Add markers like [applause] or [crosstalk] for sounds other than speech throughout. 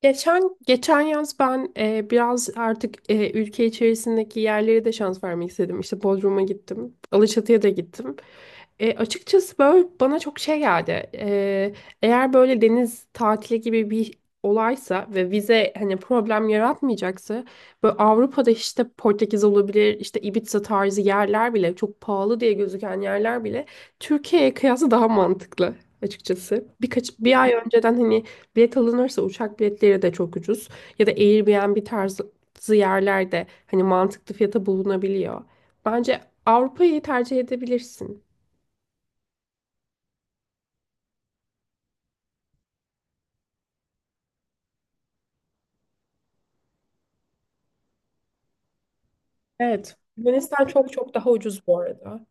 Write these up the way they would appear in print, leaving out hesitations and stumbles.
Geçen geçen yaz ben biraz artık ülke içerisindeki yerlere de şans vermek istedim. İşte Bodrum'a gittim, Alaçatı'ya da gittim. Açıkçası böyle bana çok şey geldi. Eğer böyle deniz tatili gibi bir olaysa ve vize hani problem yaratmayacaksa böyle Avrupa'da işte Portekiz olabilir, işte Ibiza tarzı yerler bile çok pahalı diye gözüken yerler bile Türkiye'ye kıyasla daha mantıklı açıkçası. Birkaç bir ay önceden hani bilet alınırsa uçak biletleri de çok ucuz. Ya da Airbnb tarzı yerlerde hani mantıklı fiyata bulunabiliyor. Bence Avrupa'yı tercih edebilirsin. Evet. Yunanistan çok çok daha ucuz bu arada.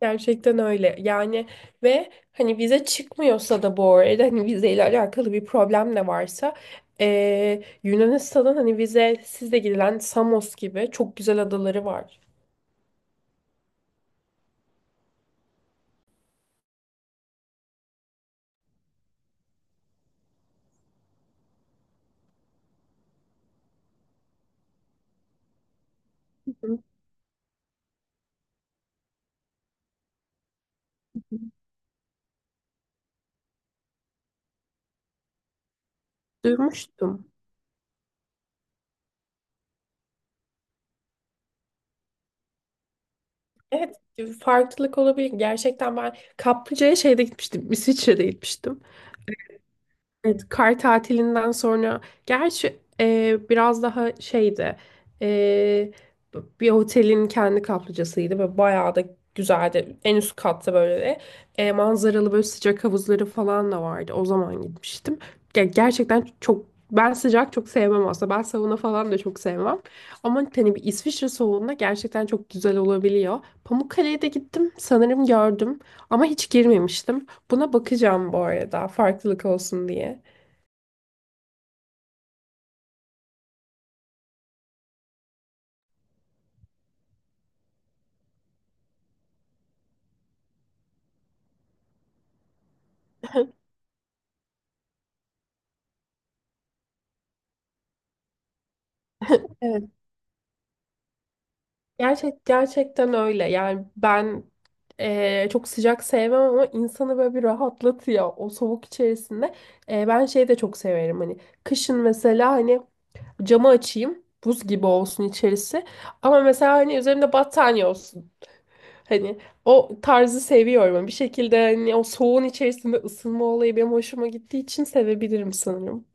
Gerçekten öyle. Yani ve hani vize çıkmıyorsa da bu arada hani vizeyle alakalı bir problem de varsa Yunanistan'ın hani vizesiz de gidilen Samos gibi çok güzel adaları var. Hı hı. Duymuştum. Evet, farklılık olabilir. Gerçekten ben kaplıcaya şeyde gitmiştim. İsviçre'de gitmiştim. Evet, kar tatilinden sonra gerçi biraz daha şeydi, e, bir otelin kendi kaplıcasıydı ve bayağı da güzeldi. En üst katta böyle manzaralı böyle sıcak havuzları falan da vardı. O zaman gitmiştim. Gerçekten çok ben sıcak çok sevmem aslında. Ben sauna falan da çok sevmem. Ama hani bir İsviçre soğuğunda gerçekten çok güzel olabiliyor. Pamukkale'ye de gittim sanırım gördüm ama hiç girmemiştim. Buna bakacağım bu arada farklılık olsun diye. [laughs] Evet, gerçekten öyle. Yani ben çok sıcak sevmem ama insanı böyle bir rahatlatıyor o soğuk içerisinde. Ben şeyi de çok severim hani kışın mesela hani camı açayım buz gibi olsun içerisi ama mesela hani üzerimde battaniye olsun. Hani o tarzı seviyorum. Bir şekilde hani o soğuğun içerisinde ısınma olayı benim hoşuma gittiği için sevebilirim sanırım.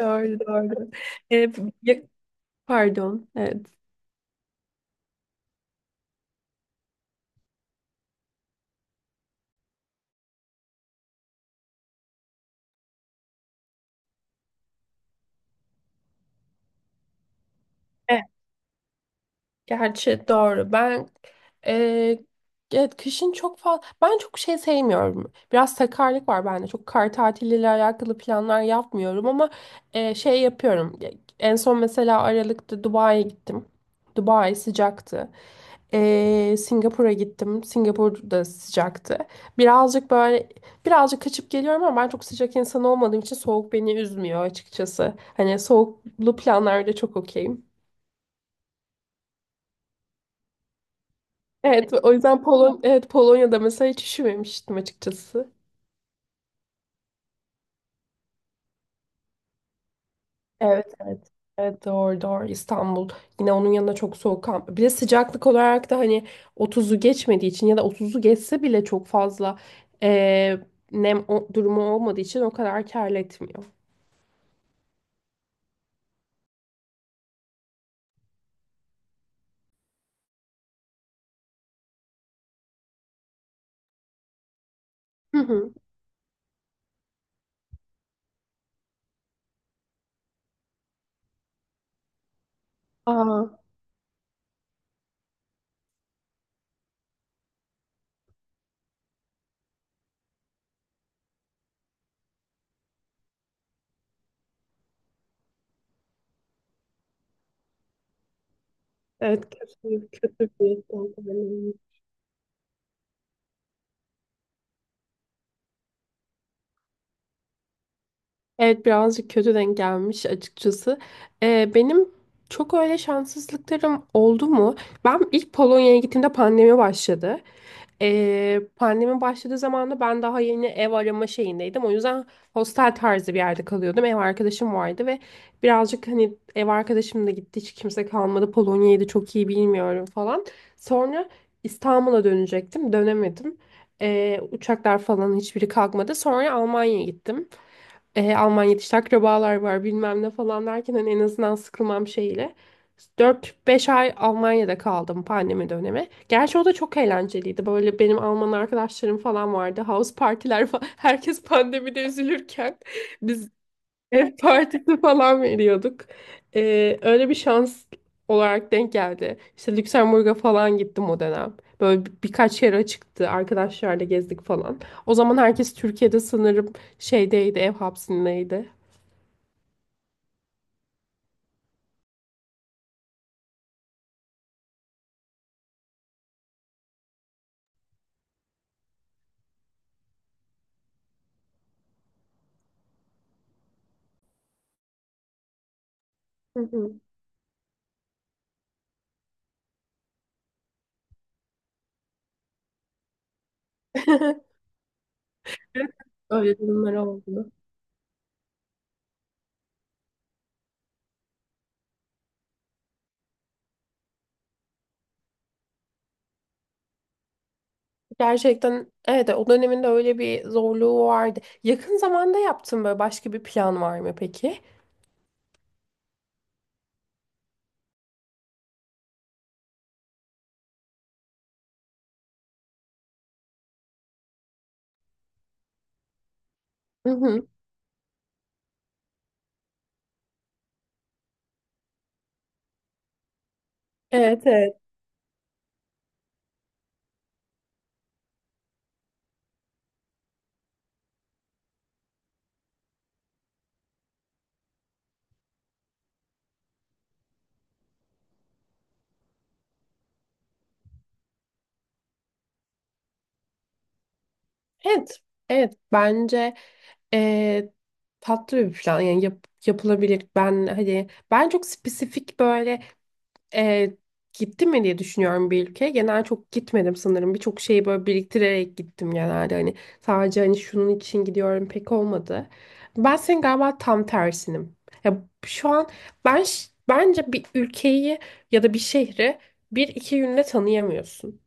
Doğru doğru. Ee, ya- Pardon. Evet. Evet, gerçi doğru. Ben e, evet kışın çok fazla ben çok şey sevmiyorum. Biraz sakarlık var bende. Çok kar tatiliyle alakalı planlar yapmıyorum ama şey yapıyorum. En son mesela Aralık'ta Dubai'ye gittim. Dubai sıcaktı. Singapur'a gittim. Singapur da sıcaktı. Birazcık böyle birazcık kaçıp geliyorum ama ben çok sıcak insan olmadığım için soğuk beni üzmüyor açıkçası. Hani soğuklu planlarda çok okeyim. Evet, o yüzden evet Polonya'da mesela hiç üşümemiştim açıkçası. Evet, evet. Evet doğru doğru İstanbul yine onun yanında çok soğuk ama- bir de sıcaklık olarak da hani 30'u geçmediği için ya da 30'u geçse bile çok fazla eee, nem durumu olmadığı için o kadar kar etmiyor. Hı hı. Aa, evet kötü, kötü bir denk gelme. Evet birazcık kötü denk gelmiş açıkçası. Benim çok öyle şanssızlıklarım oldu mu? Ben ilk Polonya'ya gittiğimde pandemi başladı. Pandemi başladığı zaman da ben daha yeni ev arama şeyindeydim. O yüzden hostel tarzı bir yerde kalıyordum. Ev arkadaşım vardı ve birazcık hani ev arkadaşım da gitti. Hiç kimse kalmadı. Polonya'yı da çok iyi bilmiyorum falan. Sonra İstanbul'a dönecektim. Dönemedim. Uçaklar falan hiçbiri kalkmadı. Sonra Almanya'ya gittim, Almanya'da işte akrabalar var bilmem ne falan derken hani en azından sıkılmam şeyle. Dört beş ay Almanya'da kaldım pandemi dönemi. Gerçi o da çok eğlenceliydi. Böyle benim Alman arkadaşlarım falan vardı. House partiler falan. [laughs] Herkes pandemide üzülürken [laughs] biz ev partisi falan veriyorduk. Öyle bir şans olarak denk geldi. İşte Lüksemburg'a falan gittim o dönem. Böyle birkaç yere çıktı. Arkadaşlarla gezdik falan. O zaman herkes Türkiye'de sanırım şeydeydi, ev hapsindeydi. Hı hı. [laughs] Evet, öyle durumlar oldu. Gerçekten evet o döneminde öyle bir zorluğu vardı. Yakın zamanda yaptığın böyle başka bir plan var mı peki? Hı hı. Evet evet. Evet. Evet bence Ee, tatlı bir plan yani yapılabilir. Ben hani ben çok spesifik böyle e, gittim mi diye düşünüyorum bir ülkeye. Genel çok gitmedim sanırım. Birçok şeyi böyle biriktirerek gittim genelde. Hani sadece hani şunun için gidiyorum pek olmadı. Ben senin galiba tam tersinim. Ya şu an ben bence bir ülkeyi ya da bir şehri bir iki günde tanıyamıyorsun.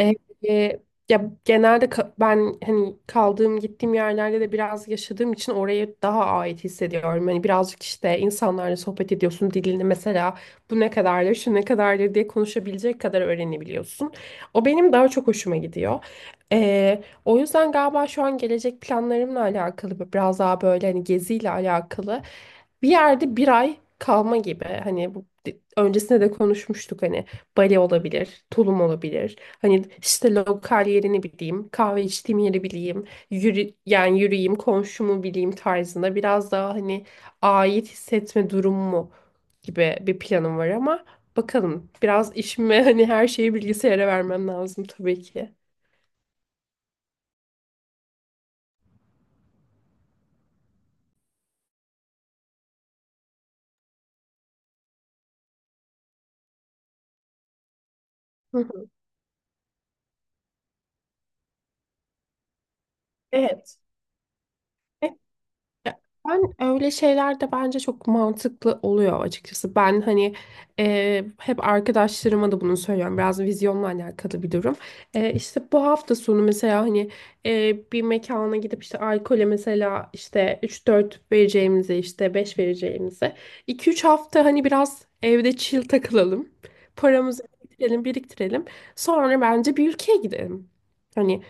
E, e, ya genelde ben hani kaldığım gittiğim yerlerde de biraz yaşadığım için oraya daha ait hissediyorum. Hani birazcık işte insanlarla sohbet ediyorsun dilini mesela bu ne kadardır şu ne kadardır diye konuşabilecek kadar öğrenebiliyorsun. O benim daha çok hoşuma gidiyor. O yüzden galiba şu an gelecek planlarımla alakalı biraz daha böyle hani geziyle alakalı bir yerde bir ay kalma gibi hani bu öncesinde de konuşmuştuk hani bale olabilir, tulum olabilir. Hani işte lokal yerini bileyim, kahve içtiğim yeri bileyim, yani yürüyeyim, komşumu bileyim tarzında biraz daha hani ait hissetme durumu gibi bir planım var ama bakalım biraz işime [laughs] hani her şeyi bilgisayara vermem lazım tabii ki. Hı hı. Evet. Ben öyle şeyler de bence çok mantıklı oluyor açıkçası. Ben hani hep arkadaşlarıma da bunu söylüyorum. Biraz vizyonla alakalı bir durum. İşte bu hafta sonu mesela hani bir mekana gidip işte alkole mesela işte üç dört vereceğimize işte 5 vereceğimize iki üç hafta hani biraz evde chill takılalım. Paramızı biriktirelim. Sonra bence bir ülkeye gidelim. Hani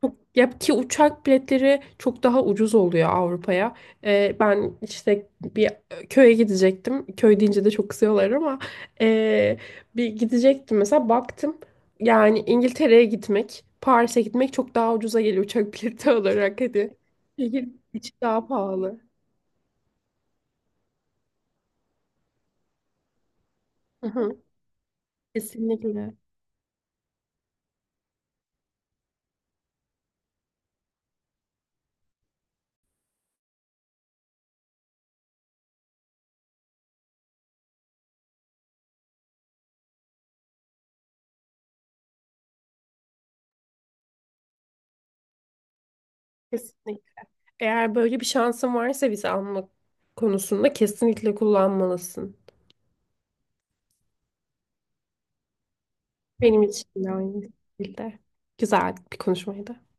ya ki uçak biletleri çok daha ucuz oluyor Avrupa'ya. Ben işte bir köye gidecektim. Köy deyince de çok kızıyorlar ama ee, bir gidecektim mesela baktım. Yani İngiltere'ye gitmek, Paris'e gitmek çok daha ucuza geliyor uçak bileti [laughs] olarak hadi. Şehir içi daha pahalı. Hı hı, kesinlikle. Kesinlikle. Eğer böyle bir şansın varsa vize alma konusunda kesinlikle kullanmalısın. Benim için de aynı şekilde. Güzel bir konuşmaydı.